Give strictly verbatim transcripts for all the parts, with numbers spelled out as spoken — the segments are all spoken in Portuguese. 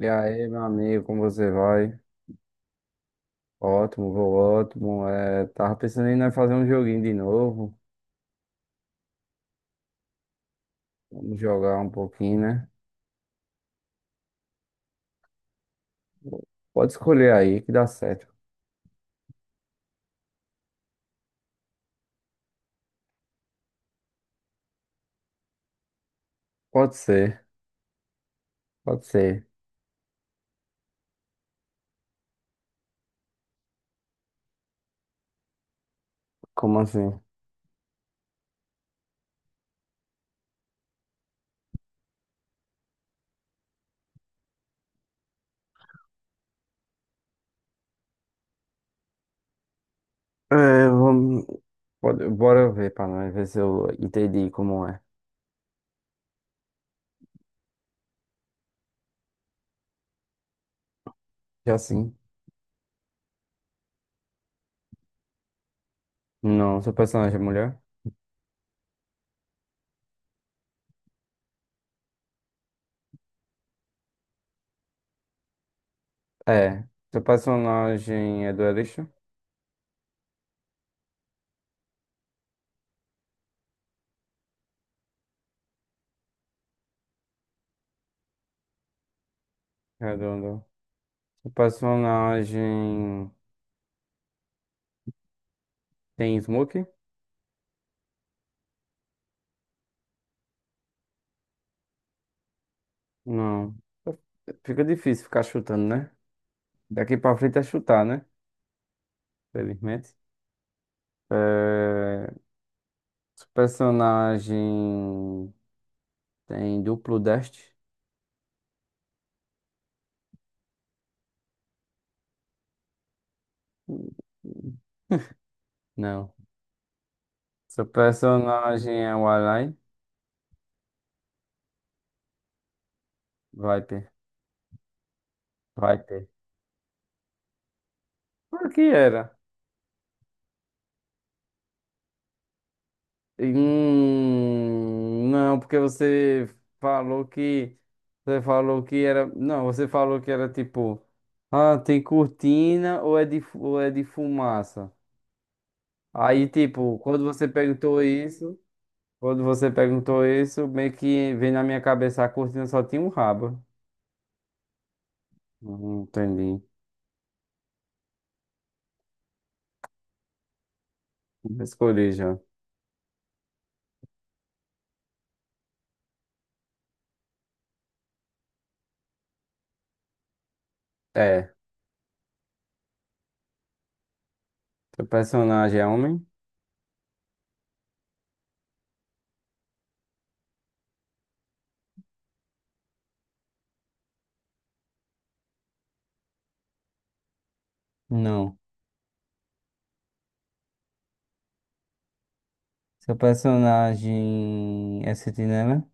E aí, meu amigo, como você vai? Ótimo, vou ótimo. É, tava pensando em nós fazer um joguinho de novo. Vamos jogar um pouquinho, né? Pode escolher aí que dá certo. Pode ser, pode ser. Como assim? É, vamos. Pode, bora ver pra nós ver se eu entendi como é. Já sim. Não, seu personagem é mulher? É. Seu personagem é duelista? Redondo. Seu personagem tem smoke? Não. Fica difícil ficar chutando, né? Daqui pra frente é chutar, né? Felizmente. É... Seu personagem tem duplo deste? Não. Seu personagem é o Alain? Viper. Viper. Por que era? Hum, não, porque você falou que. Você falou que era. Não, você falou que era tipo. Ah, tem cortina ou é de, fu- ou é de fumaça? Aí, tipo, quando você perguntou isso, quando você perguntou isso, meio que vem na minha cabeça a cortina só tinha um rabo. Não entendi. Eu Escolhi já. É. Seu personagem é homem? Não. Seu personagem é sentinela?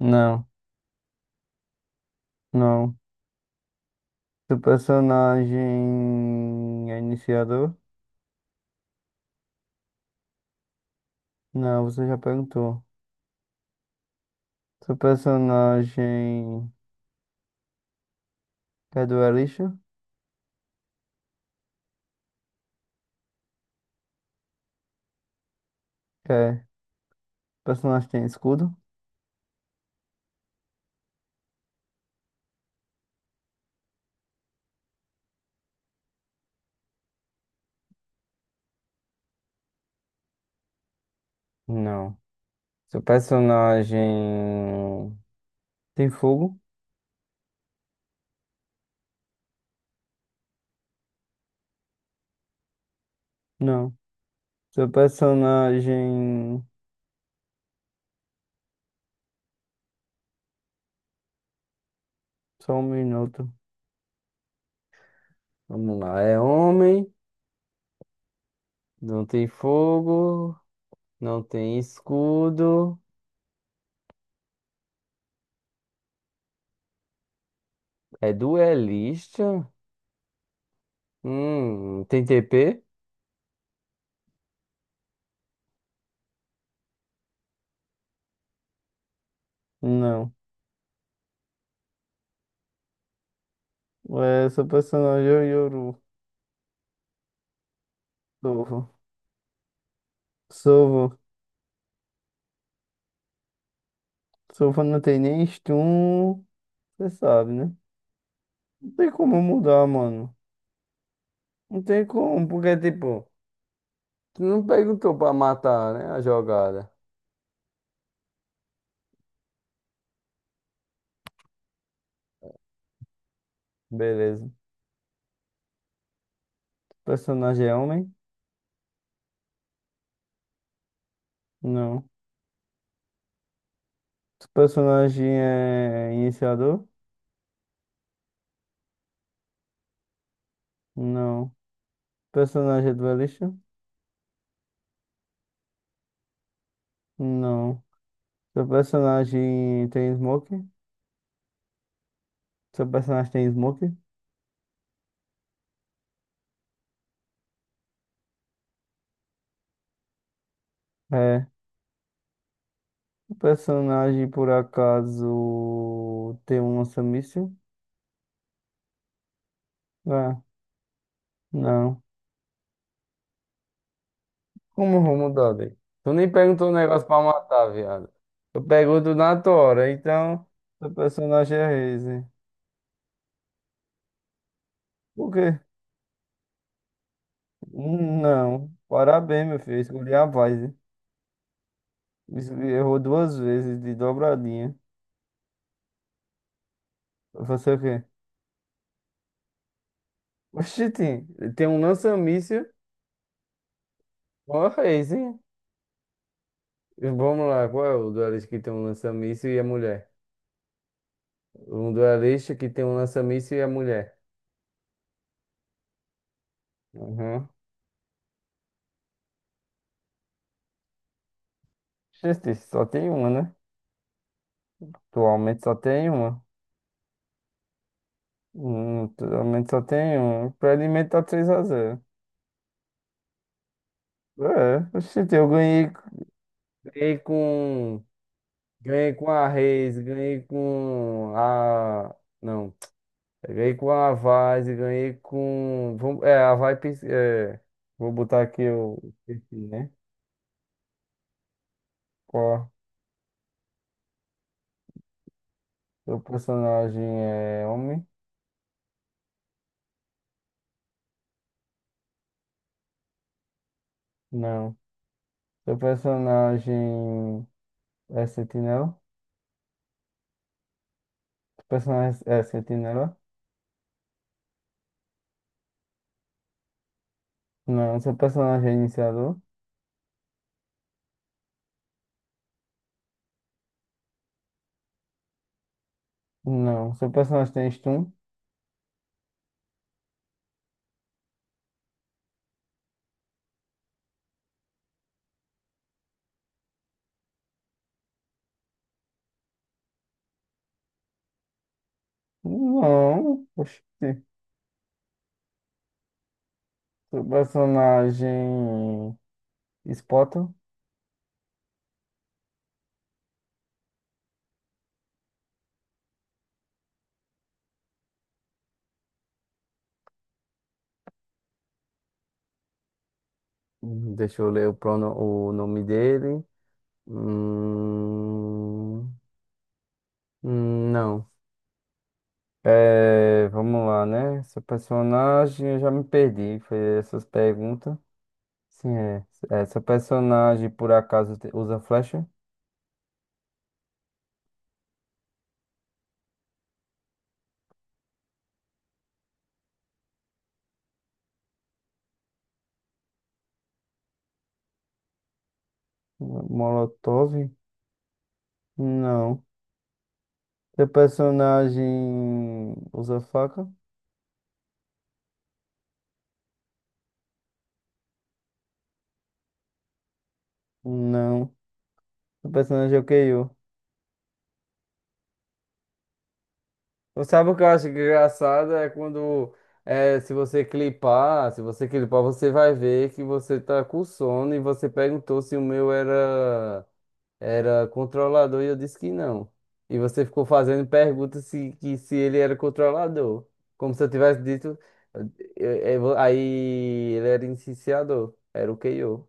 Não, não. Seu personagem é iniciador? Não, você já perguntou. Seu personagem é duelista? É. Personagem tem escudo? Não. Seu personagem tem fogo? Não. Seu personagem. Só um minuto. Vamos lá. É homem, não tem fogo, não tem escudo. É duelista? Hum, tem T P? Não. É, seu personagem é o Yoru. Sovo. Sovo. Sovo não tem nem stun. Você sabe, né? Não tem como mudar, mano. Não tem como, porque tipo. Tu não perguntou pra matar, né? A jogada. Beleza. O personagem é homem? Não. O personagem é iniciador? Não. O personagem é duelista? Não. Seu personagem tem smoke? Seu personagem tem smoke? É. O personagem, por acaso, tem um lança-míssil? Ah, não. Como eu vou mudar dele? Tu nem perguntou um negócio pra matar, viado. Eu pergunto na tua hora, então... Seu personagem é Raze. Por quê? Não, parabéns, meu filho. Escolhi a paz, hein? Es- Errou duas vezes de dobradinha. Você o quê? Oxi, tem tem um lança-míssil. Ó, reis, hein? Vamos lá, qual é o duelista que tem um lança-míssil e a mulher? Um duelista que tem um lança-míssil e a mulher. Uhum. Gente, só tem uma, né? Atualmente só tem uma. Hum, atualmente só tem uma. Pra alimentar três x zero. É, oxi, eu ganhei, ganhei com. Ganhei com a Reis, ganhei com a. Não, ganhei com a Vaz, ganhei com. Vamos... É, a Vai. É... Vou botar aqui o. perfil, né? Qual? É? Seu personagem é homem? Não. Seu personagem é sentinela? Seu personagem é sentinela? Não. Seu personagem é iniciador? Não. Seu personagem tem stun? Não. Oxi. Seu personagem. Spot? Hum, Deixa eu ler o, prono, o nome dele. Hum, hum, não. É, vamos lá, né? Seu personagem, eu já me perdi. Foi essas perguntas. Sim, é. É seu personagem, por acaso, te- usa flecha? Molotov? Não. Seu personagem usa faca? Não. Seu personagem é o K O. Não sabe o que eu acho engraçado? É quando, é, se você clipar, se você clipar, você vai ver que você tá com sono e você perguntou se o meu era, era controlador e eu disse que não. E você ficou fazendo perguntas se, que se ele era controlador. Como se eu tivesse dito. eu- eu- aí ele era iniciador, era o K O.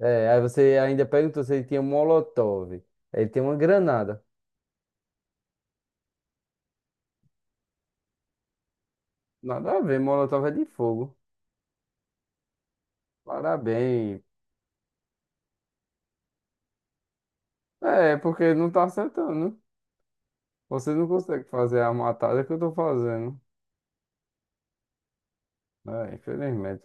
É, aí você ainda perguntou se ele tinha Molotov. Ele tem uma granada. Nada a ver, Molotov é de fogo. Parabéns. É, porque não tá acertando. Você não consegue fazer a matada que eu tô fazendo. É, infelizmente.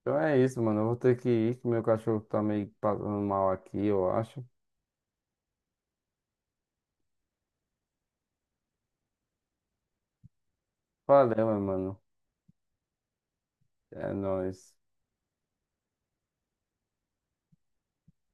Então é isso, mano. Eu vou ter que ir, que meu cachorro tá meio passando mal aqui, eu acho. Valeu, meu mano. É nóis.